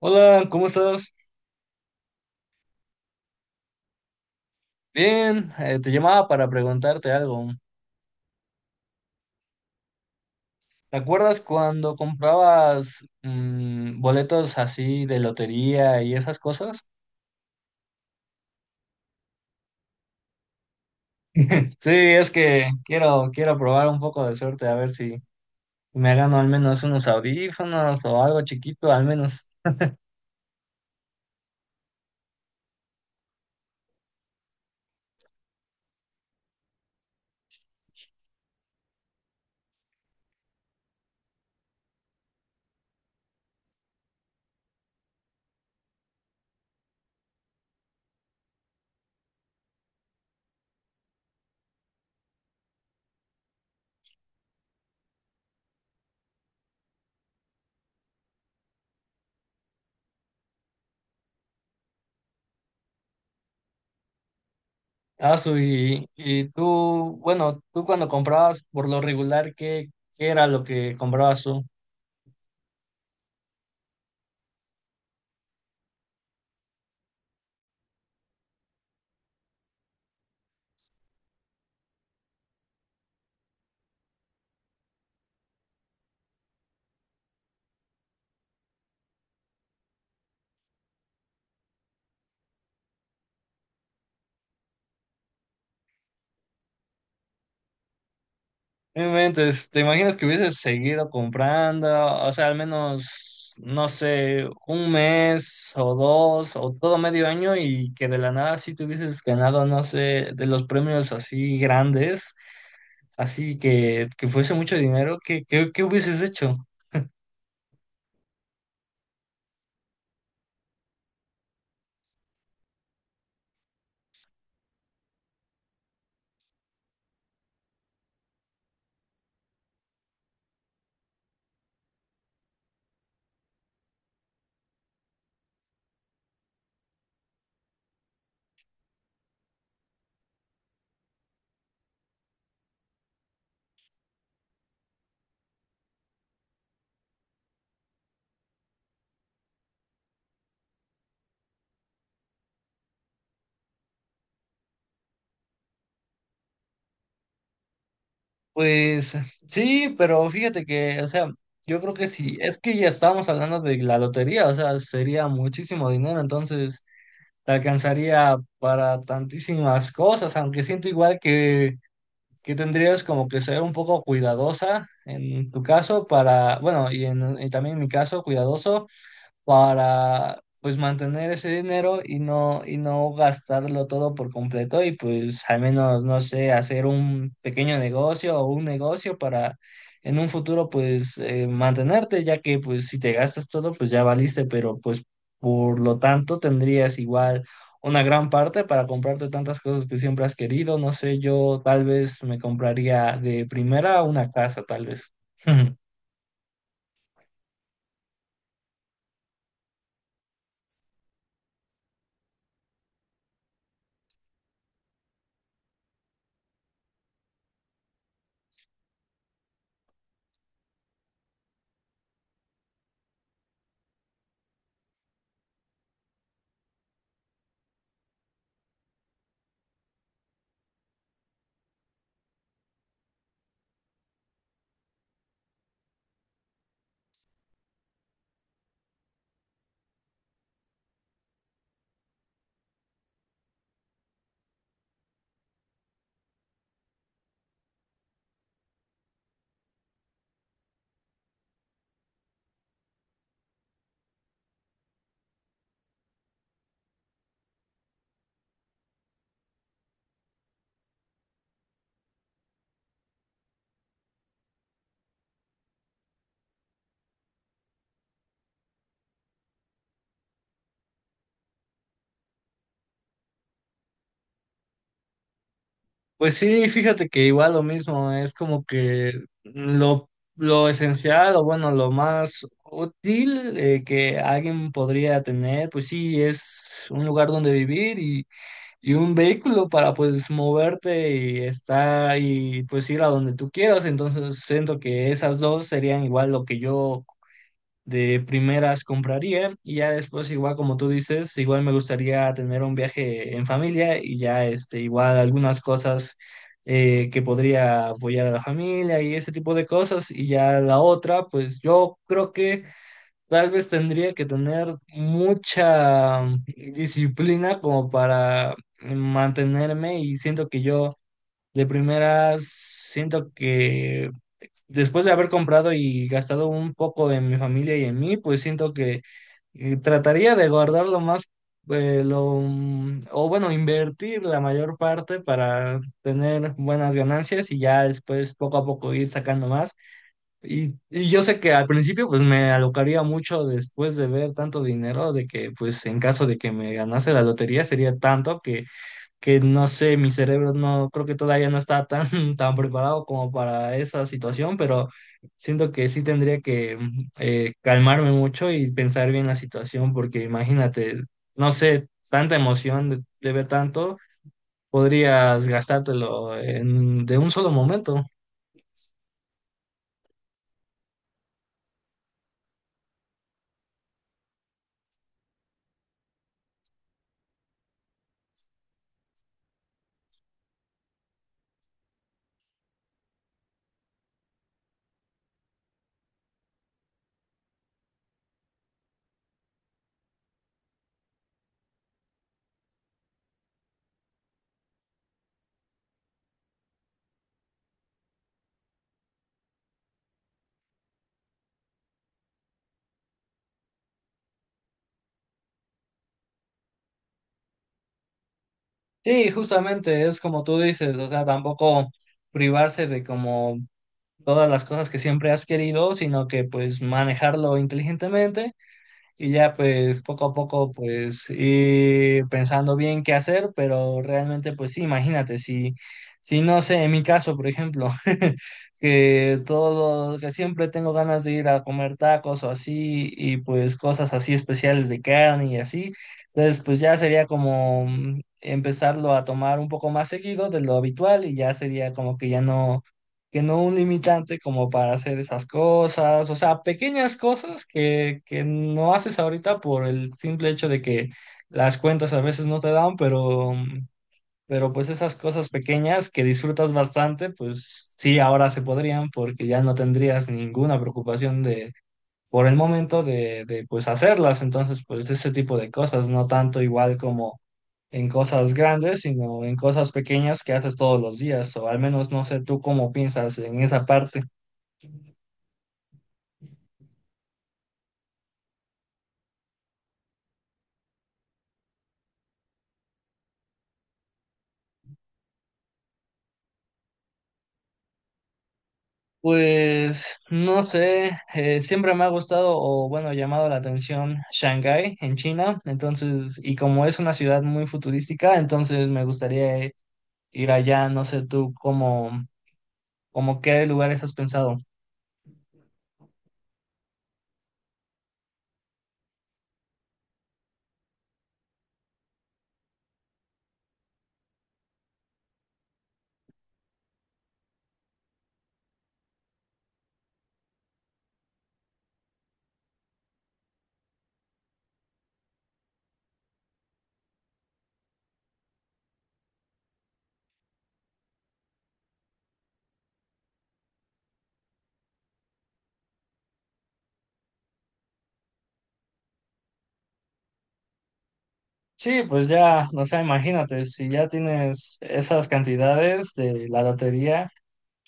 Hola, ¿cómo estás? Bien, te llamaba para preguntarte algo. ¿Te acuerdas cuando comprabas boletos así de lotería y esas cosas? Sí, es que quiero probar un poco de suerte a ver si me gano al menos unos audífonos o algo chiquito, al menos. Ah, su, y tú, bueno, tú cuando comprabas por lo regular, ¿qué era lo que comprabas tú? No inventes, ¿te imaginas que hubieses seguido comprando? O sea, al menos, no sé, un mes o dos o todo medio año y que de la nada sí te hubieses ganado, no sé, de los premios así grandes, así que fuese mucho dinero, ¿qué hubieses hecho? Pues sí, pero fíjate que, o sea, yo creo que sí, es que ya estábamos hablando de la lotería, o sea, sería muchísimo dinero, entonces te alcanzaría para tantísimas cosas, aunque siento igual que tendrías como que ser un poco cuidadosa en tu caso para, bueno, y, en, y también en mi caso, cuidadoso para pues mantener ese dinero y no gastarlo todo por completo y pues al menos, no sé, hacer un pequeño negocio o un negocio para en un futuro pues mantenerte, ya que pues si te gastas todo pues ya valiste, pero pues por lo tanto tendrías igual una gran parte para comprarte tantas cosas que siempre has querido, no sé, yo tal vez me compraría de primera una casa, tal vez. Pues sí, fíjate que igual lo mismo, es como que lo, lo esencial o bueno, lo más útil que alguien podría tener, pues sí, es un lugar donde vivir y un vehículo para pues moverte y estar y pues ir a donde tú quieras. Entonces siento que esas dos serían igual lo que yo de primeras compraría y ya después igual como tú dices, igual me gustaría tener un viaje en familia y ya este igual algunas cosas que podría apoyar a la familia y ese tipo de cosas y ya la otra pues yo creo que tal vez tendría que tener mucha disciplina como para mantenerme y siento que yo de primeras siento que después de haber comprado y gastado un poco en mi familia y en mí, pues siento que trataría de guardar lo más, lo, o bueno, invertir la mayor parte para tener buenas ganancias y ya después poco a poco ir sacando más. Y yo sé que al principio pues me alocaría mucho después de ver tanto dinero, de que pues en caso de que me ganase la lotería sería tanto que no sé, mi cerebro no, creo que todavía no está tan, tan preparado como para esa situación, pero siento que sí tendría que calmarme mucho y pensar bien la situación, porque imagínate, no sé, tanta emoción de ver tanto, podrías gastártelo en, de un solo momento. Sí, justamente es como tú dices, o sea, tampoco privarse de como todas las cosas que siempre has querido, sino que pues manejarlo inteligentemente. Y ya pues poco a poco pues ir pensando bien qué hacer, pero realmente pues sí, imagínate, si, si no sé, en mi caso, por ejemplo, que todo, que siempre tengo ganas de ir a comer tacos o así, y pues cosas así especiales de carne y así, entonces pues ya sería como empezarlo a tomar un poco más seguido de lo habitual y ya sería como que ya no que no un limitante como para hacer esas cosas, o sea, pequeñas cosas que no haces ahorita por el simple hecho de que las cuentas a veces no te dan, pero pues esas cosas pequeñas que disfrutas bastante, pues sí, ahora se podrían porque ya no tendrías ninguna preocupación de por el momento de pues hacerlas, entonces pues ese tipo de cosas, no tanto igual como en cosas grandes, sino en cosas pequeñas que haces todos los días, o al menos no sé tú cómo piensas en esa parte. Pues no sé, siempre me ha gustado o bueno, llamado la atención Shanghái en China, entonces, y como es una ciudad muy futurística, entonces me gustaría ir allá, no sé tú cómo, cómo qué lugares has pensado. Sí, pues ya, o sea, imagínate, si ya tienes esas cantidades de la lotería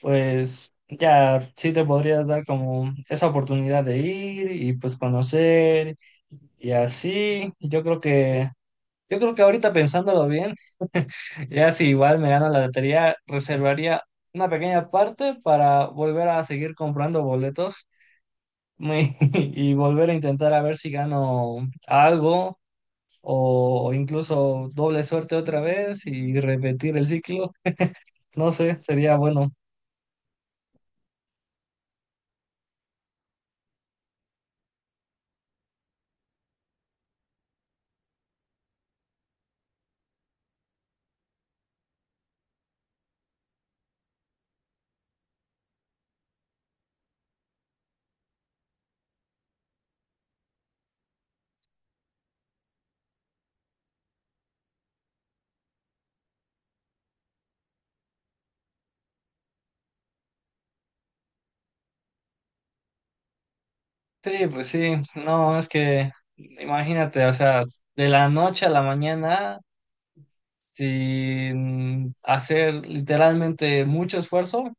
pues ya sí te podrías dar como esa oportunidad de ir y pues conocer y así. Yo creo que ahorita pensándolo bien, ya si igual me gano la lotería, reservaría una pequeña parte para volver a seguir comprando boletos muy- y volver a intentar a ver si gano algo o incluso doble suerte otra vez y repetir el ciclo. No sé, sería bueno. Sí, pues sí, no, es que imagínate, o sea, de la noche a la mañana, sin hacer literalmente mucho esfuerzo,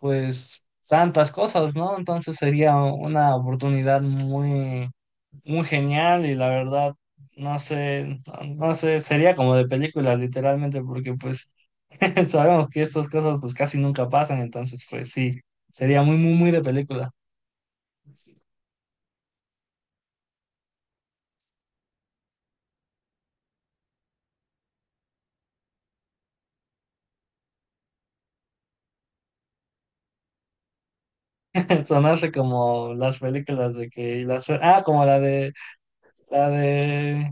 pues tantas cosas, ¿no? Entonces sería una oportunidad muy, muy genial y la verdad, no sé, no sé, sería como de películas literalmente, porque pues sabemos que estas cosas pues casi nunca pasan, entonces pues sí, sería muy, muy, muy de película. Son así como las películas de que y las, ah, como la de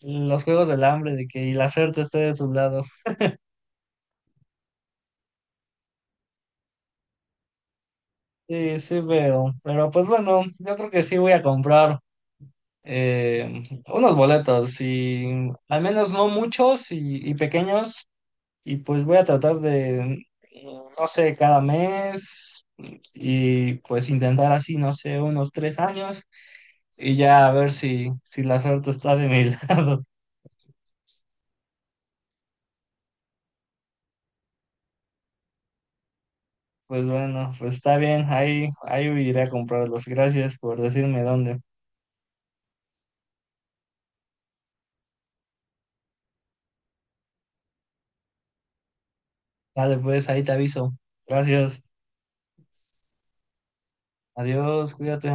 los Juegos del Hambre, de que y la suerte esté de su lado. Sí, sí veo. Pero pues bueno, yo creo que sí voy a comprar unos boletos y al menos no muchos y pequeños. Y pues voy a tratar de, no sé, cada mes y pues intentar así, no sé, unos 3 años y ya a ver si, si la suerte está de mi lado. Pues bueno, pues está bien, ahí, ahí iré a comprarlos. Gracias por decirme dónde. Dale, pues ahí te aviso. Gracias. Adiós, cuídate.